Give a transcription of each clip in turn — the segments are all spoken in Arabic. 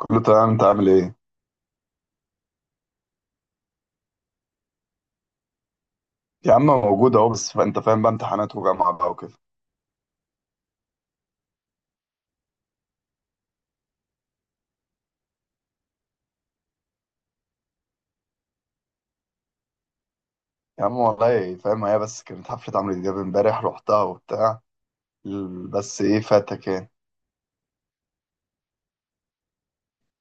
كله تمام، انت عامل ايه؟ يا عم موجود اهو، بس انت فاهم بقى، امتحانات وجامعه بقى وكده. يا عم والله فاهم، هي بس كانت حفله عمرو دياب امبارح رحتها وبتاع بس ايه فاتك يعني.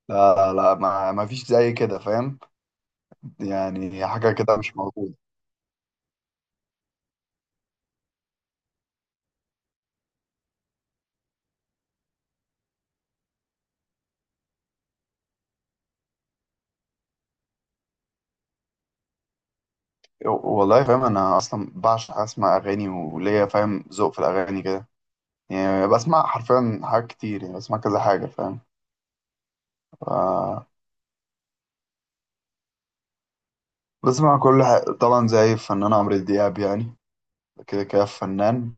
لا لا، ما فيش زي كده فاهم، يعني حاجه كده مش موجوده. والله فاهم، انا اصلا بعشق اسمع اغاني وليا فاهم ذوق في الاغاني كده. يعني بسمع حرفيا حاجات كتير، يعني بسمع كذا حاجه فاهم. ف- بسمع كل حاجه طبعا، زي الفنان عمرو دياب يعني، كده كده فنان.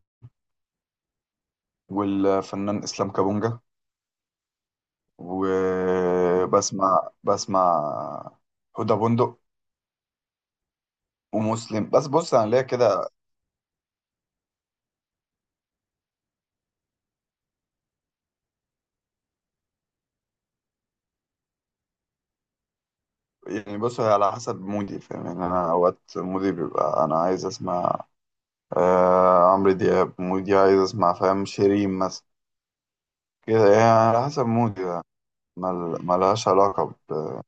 والفنان اسلام كابونجا. وبسمع هدى بندق ومسلم. بس بص انا ليا كده، يعني بص هي على حسب مودي فاهم. يعني انا اوقات مودي بيبقى انا عايز اسمع آه عمرو دياب، مودي عايز اسمع فاهم شيرين مثلا، كده يعني على حسب مودي يعني. ملهاش علاقة. ب-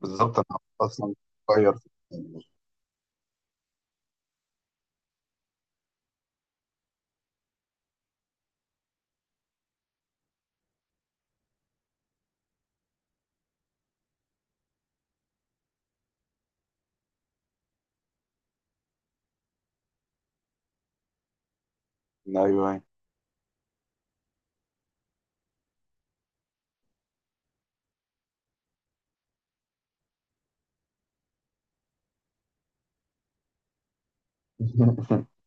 بالظبط، انا اصلا بغير ايوه.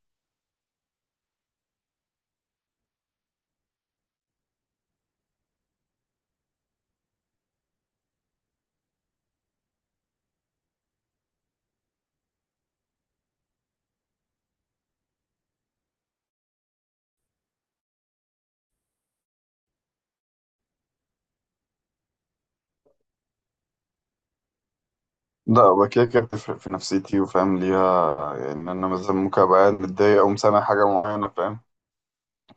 لا، هو كده كده بتفرق في نفسيتي وفاهم ليها. يعني انا مثلا ممكن ابقى قاعد متضايق، اقوم سامع حاجه معينه فاهم،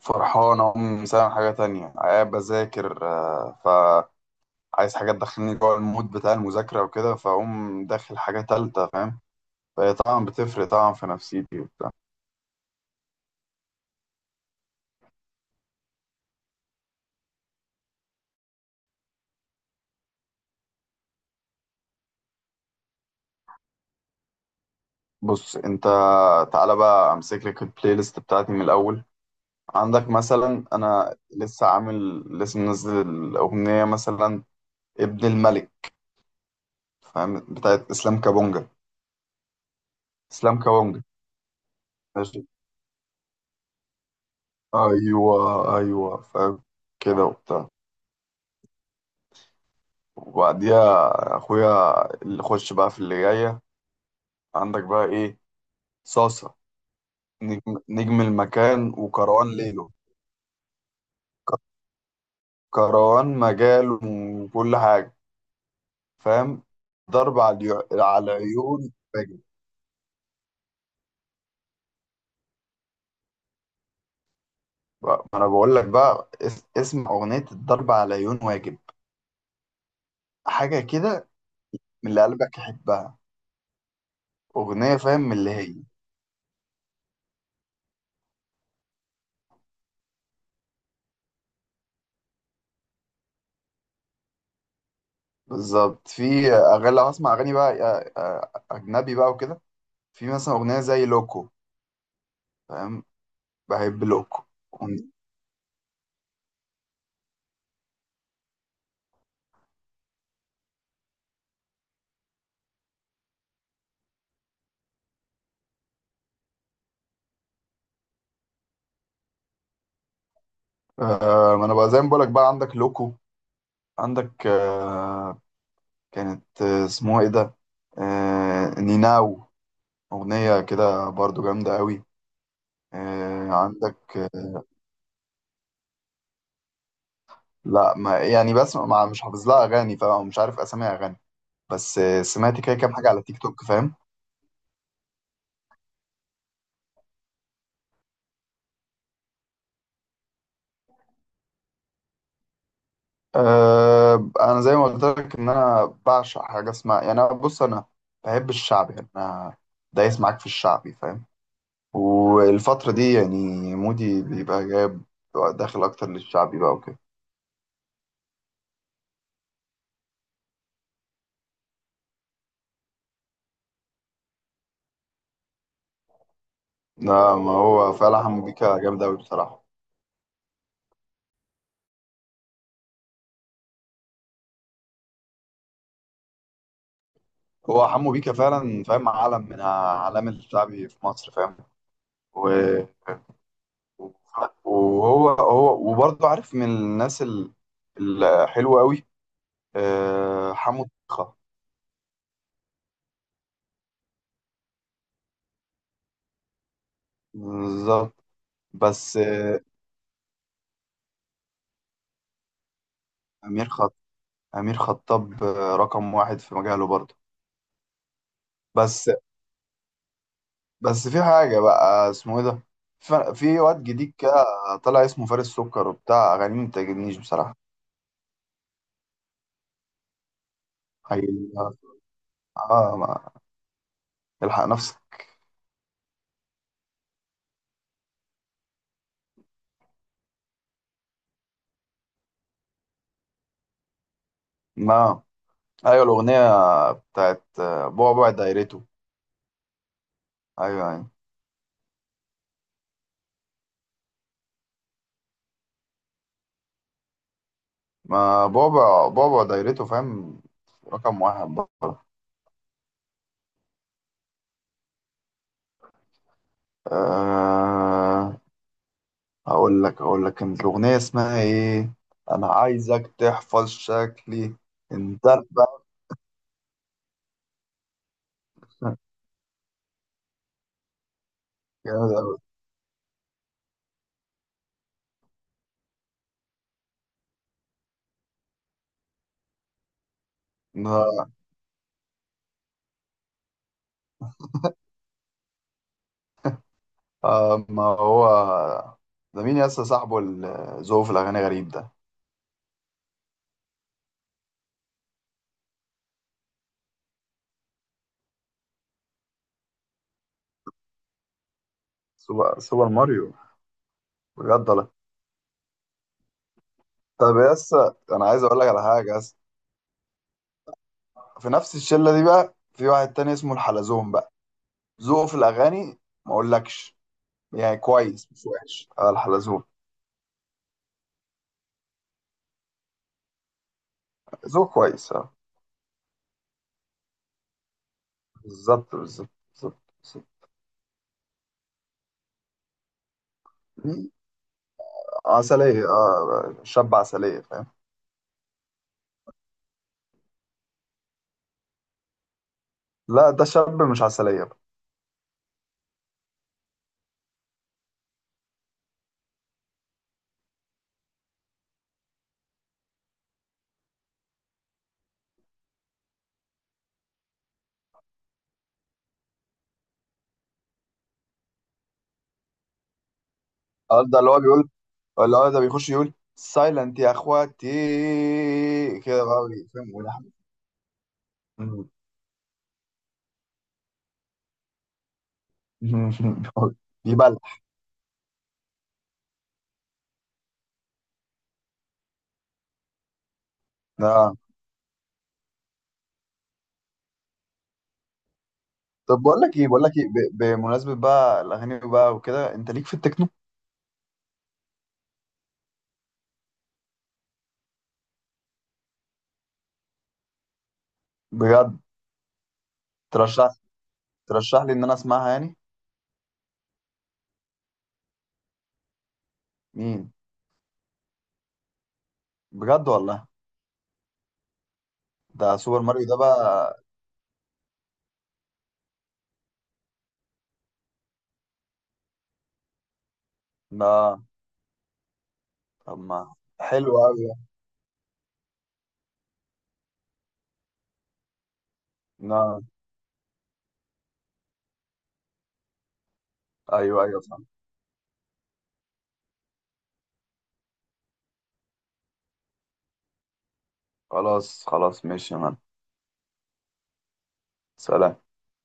فرحان اقوم سامع حاجه تانية، قاعد بذاكر، فعايز حاجه تدخلني جوه المود بتاع المذاكره وكده، فاقوم داخل حاجه تالتة فاهم. فهي طبعا بتفرق طبعا في نفسيتي وبتاع. بص انت، تعالى بقى امسك لك البلاي ليست بتاعتي من الاول. عندك مثلا، انا لسه عامل لسه منزل الاغنيه مثلا ابن الملك فاهم، بتاعت اسلام كابونجا. اسلام كوانجا. ماشي. ايوه، ايوه فاهم، كده وبتاع. وبعديها اخويا اللي خش بقى في اللي جايه، عندك بقى ايه؟ صاصه، نجم المكان وكروان ليله. ك- كروان مجاله وكل حاجه فاهم. ضرب على على العيون واجب. ما انا بقول لك بقى، اسم اغنيه الضرب على العيون واجب، حاجه كده من اللي قلبك يحبها، اغنيه فاهم من اللي هي. بالظبط، في اغاني لو هسمع اغاني بقى اجنبي بقى وكده، في مثلا اغنيه زي لوكو فاهم، بحب لوكو. آه، ما انا بقى زي ما بقولك بقى، عندك لوكو، عندك، كانت، اسمها ايه ده، نيناو، اغنيه كده برضو جامده قوي. عندك. لا، ما يعني، بس ما مش حافظ لها اغاني، فمش عارف اسامي اغاني، بس سمعت كده كام حاجه على تيك توك فاهم. انا زي ما قلت لك، ان انا بعشق حاجه اسمها يعني، انا بص، انا بحب الشعب يعني، انا دايس معاك في الشعبي فاهم. والفتره دي يعني مودي بيبقى جايب داخل اكتر للشعبي بقى وكده. لا، ما هو فعلا حمو بيكا جامد قوي بصراحه. هو حمو بيكا فعلا فاهم، عالم من اعلام الشعبي في مصر فاهم. و- وهو هو وبرضه عارف من الناس، الحلوه قوي. حمو بيكا. بالظبط. بس امير خط امير خطاب رقم واحد في مجاله برضه. بس بس في حاجه بقى اسمه ايه ده، في واد جديد كده طلع اسمه فارس سكر، وبتاع اغانيه ما بتعجبنيش بصراحه. هي اه، ما الحق نفسك. ما ايوه، الاغنيه بتاعت بعبع دايرته. ايوه يعني، ما بعبع بعبع دايرته فاهم، رقم واحد بقى. آه، اقول لك كانت الاغنيه اسمها ايه، انا عايزك تحفظ شكلي، انت بقى، جامد أوي. ما، ما هو ده مين يس، صاحبه اللي ذوقه في الاغاني غريب ده. سوبر ماريو، بجد ولا؟ طب يس، انا عايز اقول لك على حاجه يس، في نفس الشله دي بقى في واحد تاني اسمه الحلزون بقى، ذوقه في الاغاني ما اقولكش، يعني كويس مش وحش، الحلزون. ذوقه كويس اه. بالظبط، بالظبط، بالظبط. بالظبط. عسلية، شاب عسلية فاهم. لا، ده شاب مش عسلية بقى. اه، ده اللي هو بيقول، اللي هو ده بيخش يقول سايلنت يا اخواتي، كده بقى فاهم ويلحن. يبلع. اه، طب بقول لك ايه، بمناسبة بقى الاغاني بقى وكده، انت ليك في التكنو؟ بجد؟ ترشح ترشح لي ان انا اسمعها يعني. مين؟ بجد والله، ده سوبر ماريو ده بقى. لا، طب ما حلو قوي ده. لا، ايوه ايوه صح، خلاص خلاص ماشي. سلام.